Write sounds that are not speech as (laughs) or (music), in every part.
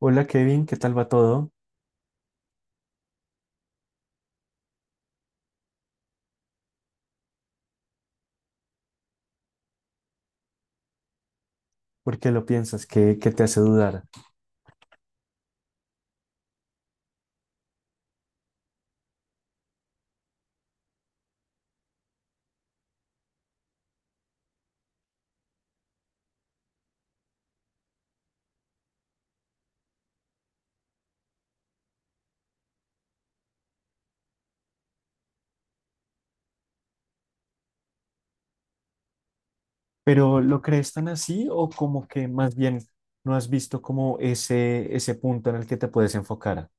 Hola Kevin, ¿qué tal va todo? ¿Por qué lo piensas? ¿Qué te hace dudar? ¿Pero lo crees tan así o como que más bien no has visto como ese punto en el que te puedes enfocar?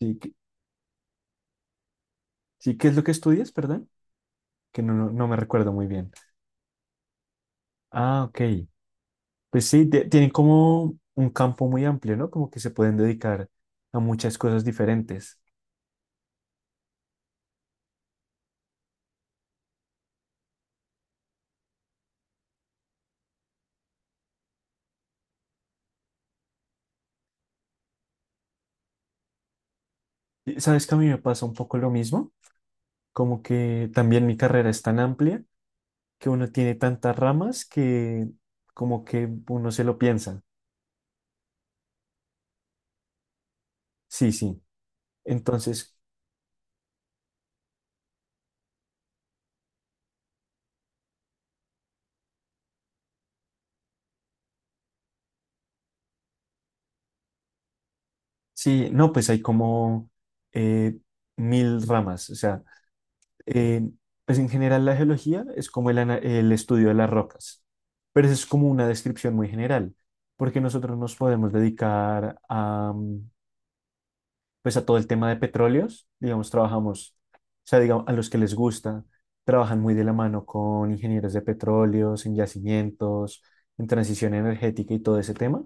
¿Sí, qué- sí, qué es lo que estudias, perdón? Que no, no, no me recuerdo muy bien. Ah, ok. Pues sí, tienen como un campo muy amplio, ¿no? Como que se pueden dedicar a muchas cosas diferentes. Y, ¿sabes que a mí me pasa un poco lo mismo? Como que también mi carrera es tan amplia que uno tiene tantas ramas que como que uno se lo piensa. Sí, sí. Entonces, sí, no, pues hay como eh, mil ramas. O sea, eh, pues en general la geología es como el estudio de las rocas, pero eso es como una descripción muy general, porque nosotros nos podemos dedicar a, pues a todo el tema de petróleos, digamos, trabajamos, o sea, digamos, a los que les gusta, trabajan muy de la mano con ingenieros de petróleos, en yacimientos, en transición energética y todo ese tema.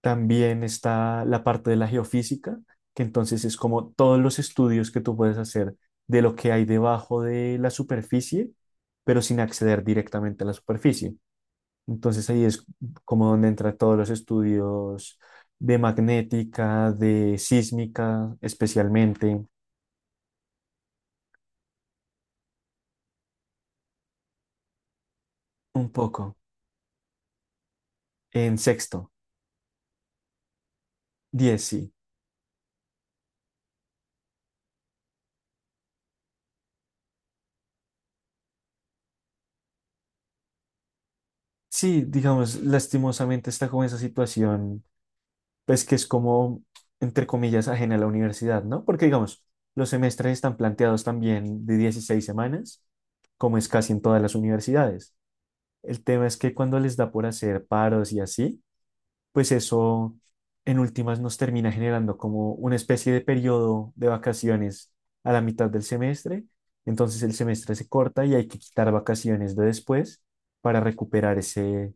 También está la parte de la geofísica, que entonces es como todos los estudios que tú puedes hacer de lo que hay debajo de la superficie, pero sin acceder directamente a la superficie. Entonces ahí es como donde entran todos los estudios de magnética, de sísmica, especialmente, un poco, en sexto, diez sí. Sí, digamos, lastimosamente está como esa situación, pues que es como, entre comillas, ajena a la universidad, ¿no? Porque, digamos, los semestres están planteados también de 16 semanas, como es casi en todas las universidades. El tema es que cuando les da por hacer paros y así, pues eso en últimas nos termina generando como una especie de periodo de vacaciones a la mitad del semestre. Entonces el semestre se corta y hay que quitar vacaciones de después para recuperar ese,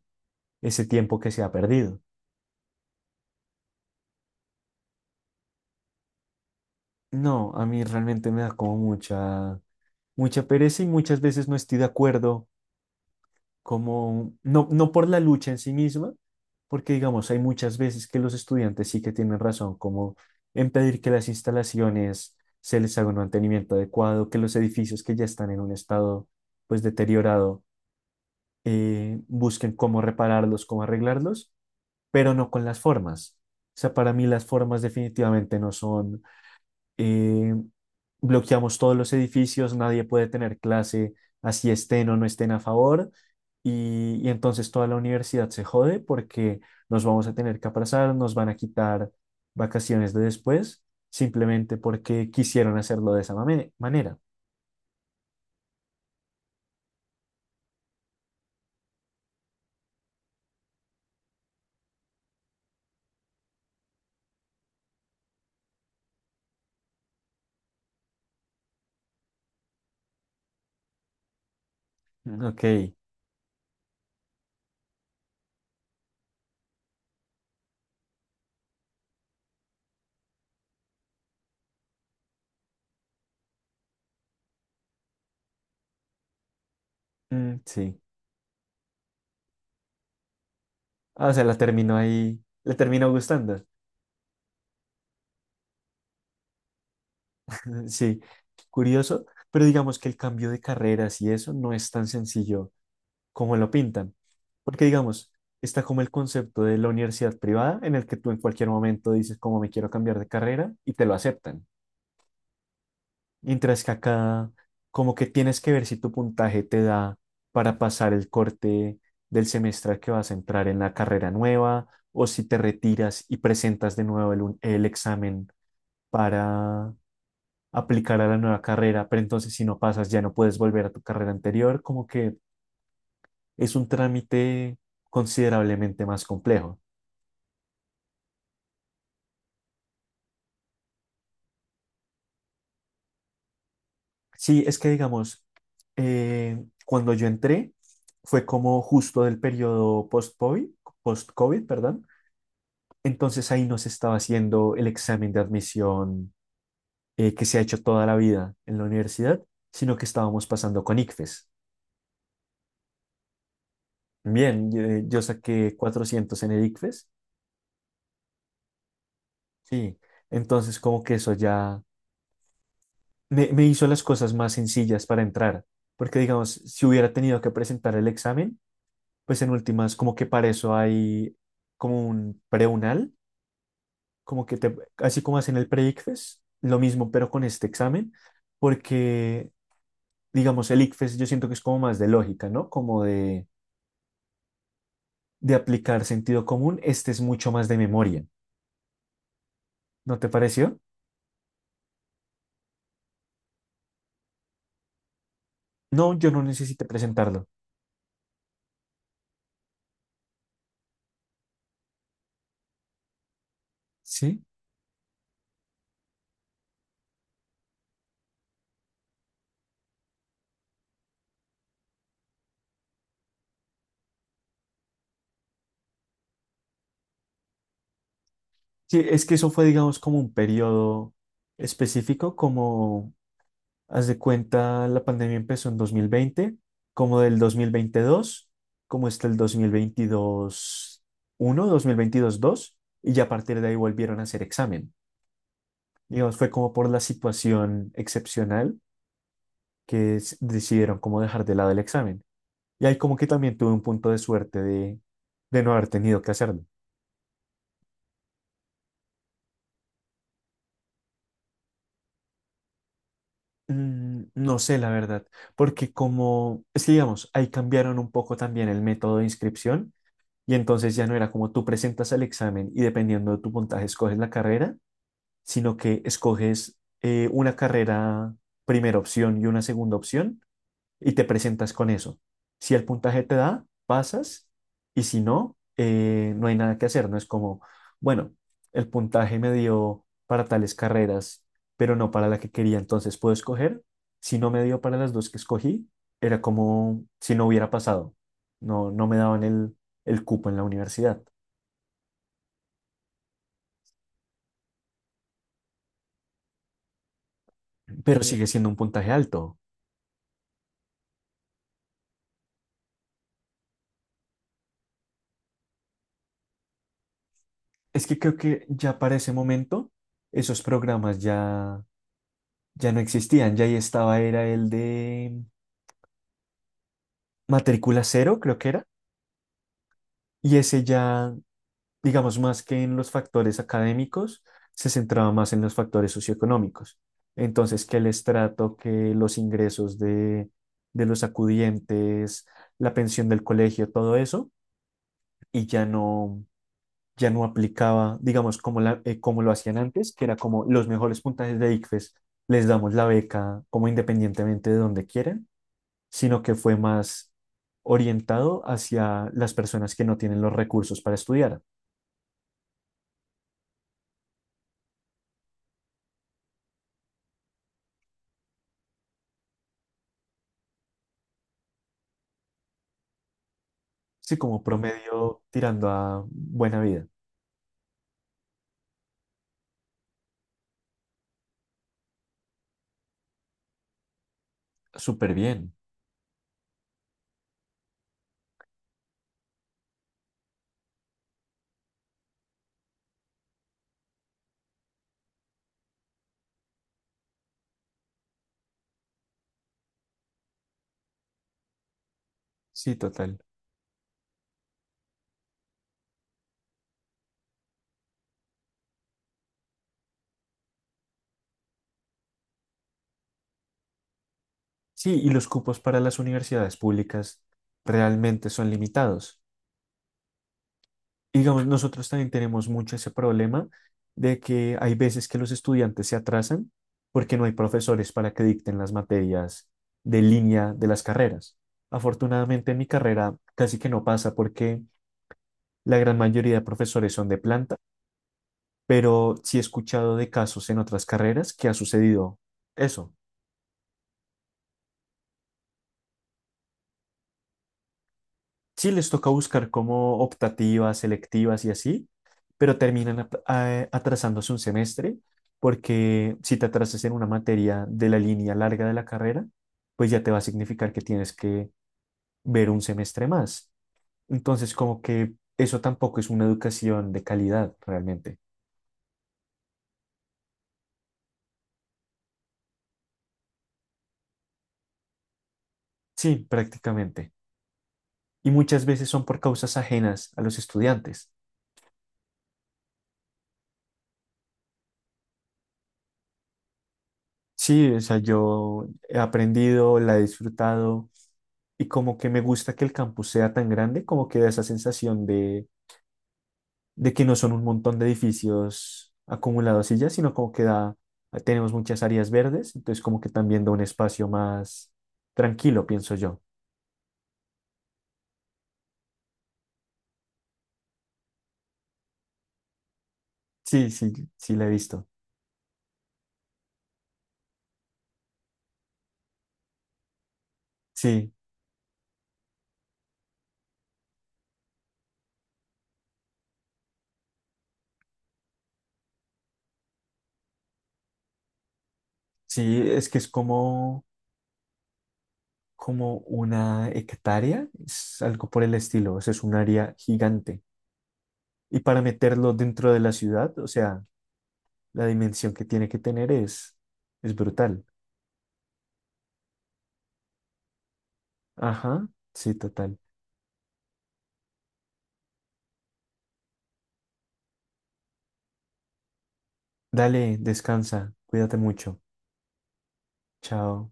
ese tiempo que se ha perdido. No, a mí realmente me da como mucha, mucha pereza y muchas veces no estoy de acuerdo como, no, no por la lucha en sí misma, porque digamos, hay muchas veces que los estudiantes sí que tienen razón, como en pedir que las instalaciones se les haga un mantenimiento adecuado, que los edificios que ya están en un estado pues deteriorado busquen cómo repararlos, cómo arreglarlos, pero no con las formas. O sea, para mí las formas definitivamente no son eh, bloqueamos todos los edificios, nadie puede tener clase, así estén o no estén a favor, y entonces toda la universidad se jode porque nos vamos a tener que aplazar, nos van a quitar vacaciones de después, simplemente porque quisieron hacerlo de esa manera. Mm. Ok, mm, sí. Ah, o sea, la terminó ahí, le terminó gustando. (laughs) Sí, curioso, pero digamos que el cambio de carreras y eso no es tan sencillo como lo pintan. Porque digamos, está como el concepto de la universidad privada en el que tú en cualquier momento dices como me quiero cambiar de carrera y te lo aceptan. Mientras que acá como que tienes que ver si tu puntaje te da para pasar el corte del semestre al que vas a entrar en la carrera nueva o si te retiras y presentas de nuevo el examen para aplicar a la nueva carrera, pero entonces si no pasas ya no puedes volver a tu carrera anterior, como que es un trámite considerablemente más complejo. Sí, es que digamos, cuando yo entré, fue como justo del periodo post-COVID, perdón. Entonces ahí no se estaba haciendo el examen de admisión que se ha hecho toda la vida en la universidad, sino que estábamos pasando con ICFES. Bien, yo saqué 400 en el ICFES, sí. Entonces como que eso ya me hizo las cosas más sencillas para entrar, porque digamos, si hubiera tenido que presentar el examen, pues en últimas, como que para eso hay como un preunal, como que te, así como hacen el pre-ICFES, lo mismo, pero con este examen, porque digamos, el ICFES yo siento que es como más de lógica, ¿no? Como de aplicar sentido común, este es mucho más de memoria, ¿no te pareció? No, yo no necesité presentarlo, ¿sí? Sí, es que eso fue, digamos, como un periodo específico, como haz de cuenta, la pandemia empezó en 2020, como del 2022, como está el dos mil veintidós uno, dos mil veintidós dos y ya a partir de ahí volvieron a hacer examen. Digamos, fue como por la situación excepcional que decidieron como dejar de lado el examen. Y ahí como que también tuve un punto de suerte de no haber tenido que hacerlo. No sé, la verdad, porque como, es que digamos, ahí cambiaron un poco también el método de inscripción, y entonces ya no era como tú presentas el examen y dependiendo de tu puntaje escoges la carrera, sino que escoges una carrera primera opción y una segunda opción y te presentas con eso. Si el puntaje te da, pasas y si no, no hay nada que hacer. No es como, bueno, el puntaje me dio para tales carreras, pero no para la que quería, entonces puedo escoger. Si no me dio para las dos que escogí, era como si no hubiera pasado. No, no me daban el cupo en la universidad, pero sigue siendo un puntaje alto. Es que creo que ya para ese momento esos programas ya, ya no existían, ya ahí estaba, era el de matrícula cero, creo que era, y ese ya, digamos, más que en los factores académicos, se centraba más en los factores socioeconómicos. Entonces, que el estrato, que los ingresos de los acudientes, la pensión del colegio, todo eso, y ya no, ya no aplicaba, digamos, como, la, como lo hacían antes, que era como los mejores puntajes de ICFES, les damos la beca como independientemente de donde quieran, sino que fue más orientado hacia las personas que no tienen los recursos para estudiar. Sí, como promedio tirando a buena vida. Súper bien. Sí, total. Sí, y los cupos para las universidades públicas realmente son limitados. Y, digamos, nosotros también tenemos mucho ese problema de que hay veces que los estudiantes se atrasan porque no hay profesores para que dicten las materias de línea de las carreras. Afortunadamente en mi carrera casi que no pasa porque la gran mayoría de profesores son de planta, pero sí he escuchado de casos en otras carreras que ha sucedido eso. Sí les toca buscar como optativas, selectivas y así, pero terminan atrasándose un semestre porque si te atrasas en una materia de la línea larga de la carrera, pues ya te va a significar que tienes que ver un semestre más. Entonces, como que eso tampoco es una educación de calidad realmente. Sí, prácticamente. Y muchas veces son por causas ajenas a los estudiantes. Sí, o sea, yo he aprendido, la he disfrutado y como que me gusta que el campus sea tan grande, como que da esa sensación de que no son un montón de edificios acumulados y ya, sino como que da, tenemos muchas áreas verdes, entonces como que también da un espacio más tranquilo, pienso yo. Sí, sí, sí, la he visto. Sí, sí, es que es como, como una hectárea, es algo por el estilo, o sea, es un área gigante. Y para meterlo dentro de la ciudad, o sea, la dimensión que tiene que tener es brutal. Ajá, sí, total. Dale, descansa, cuídate mucho. Chao.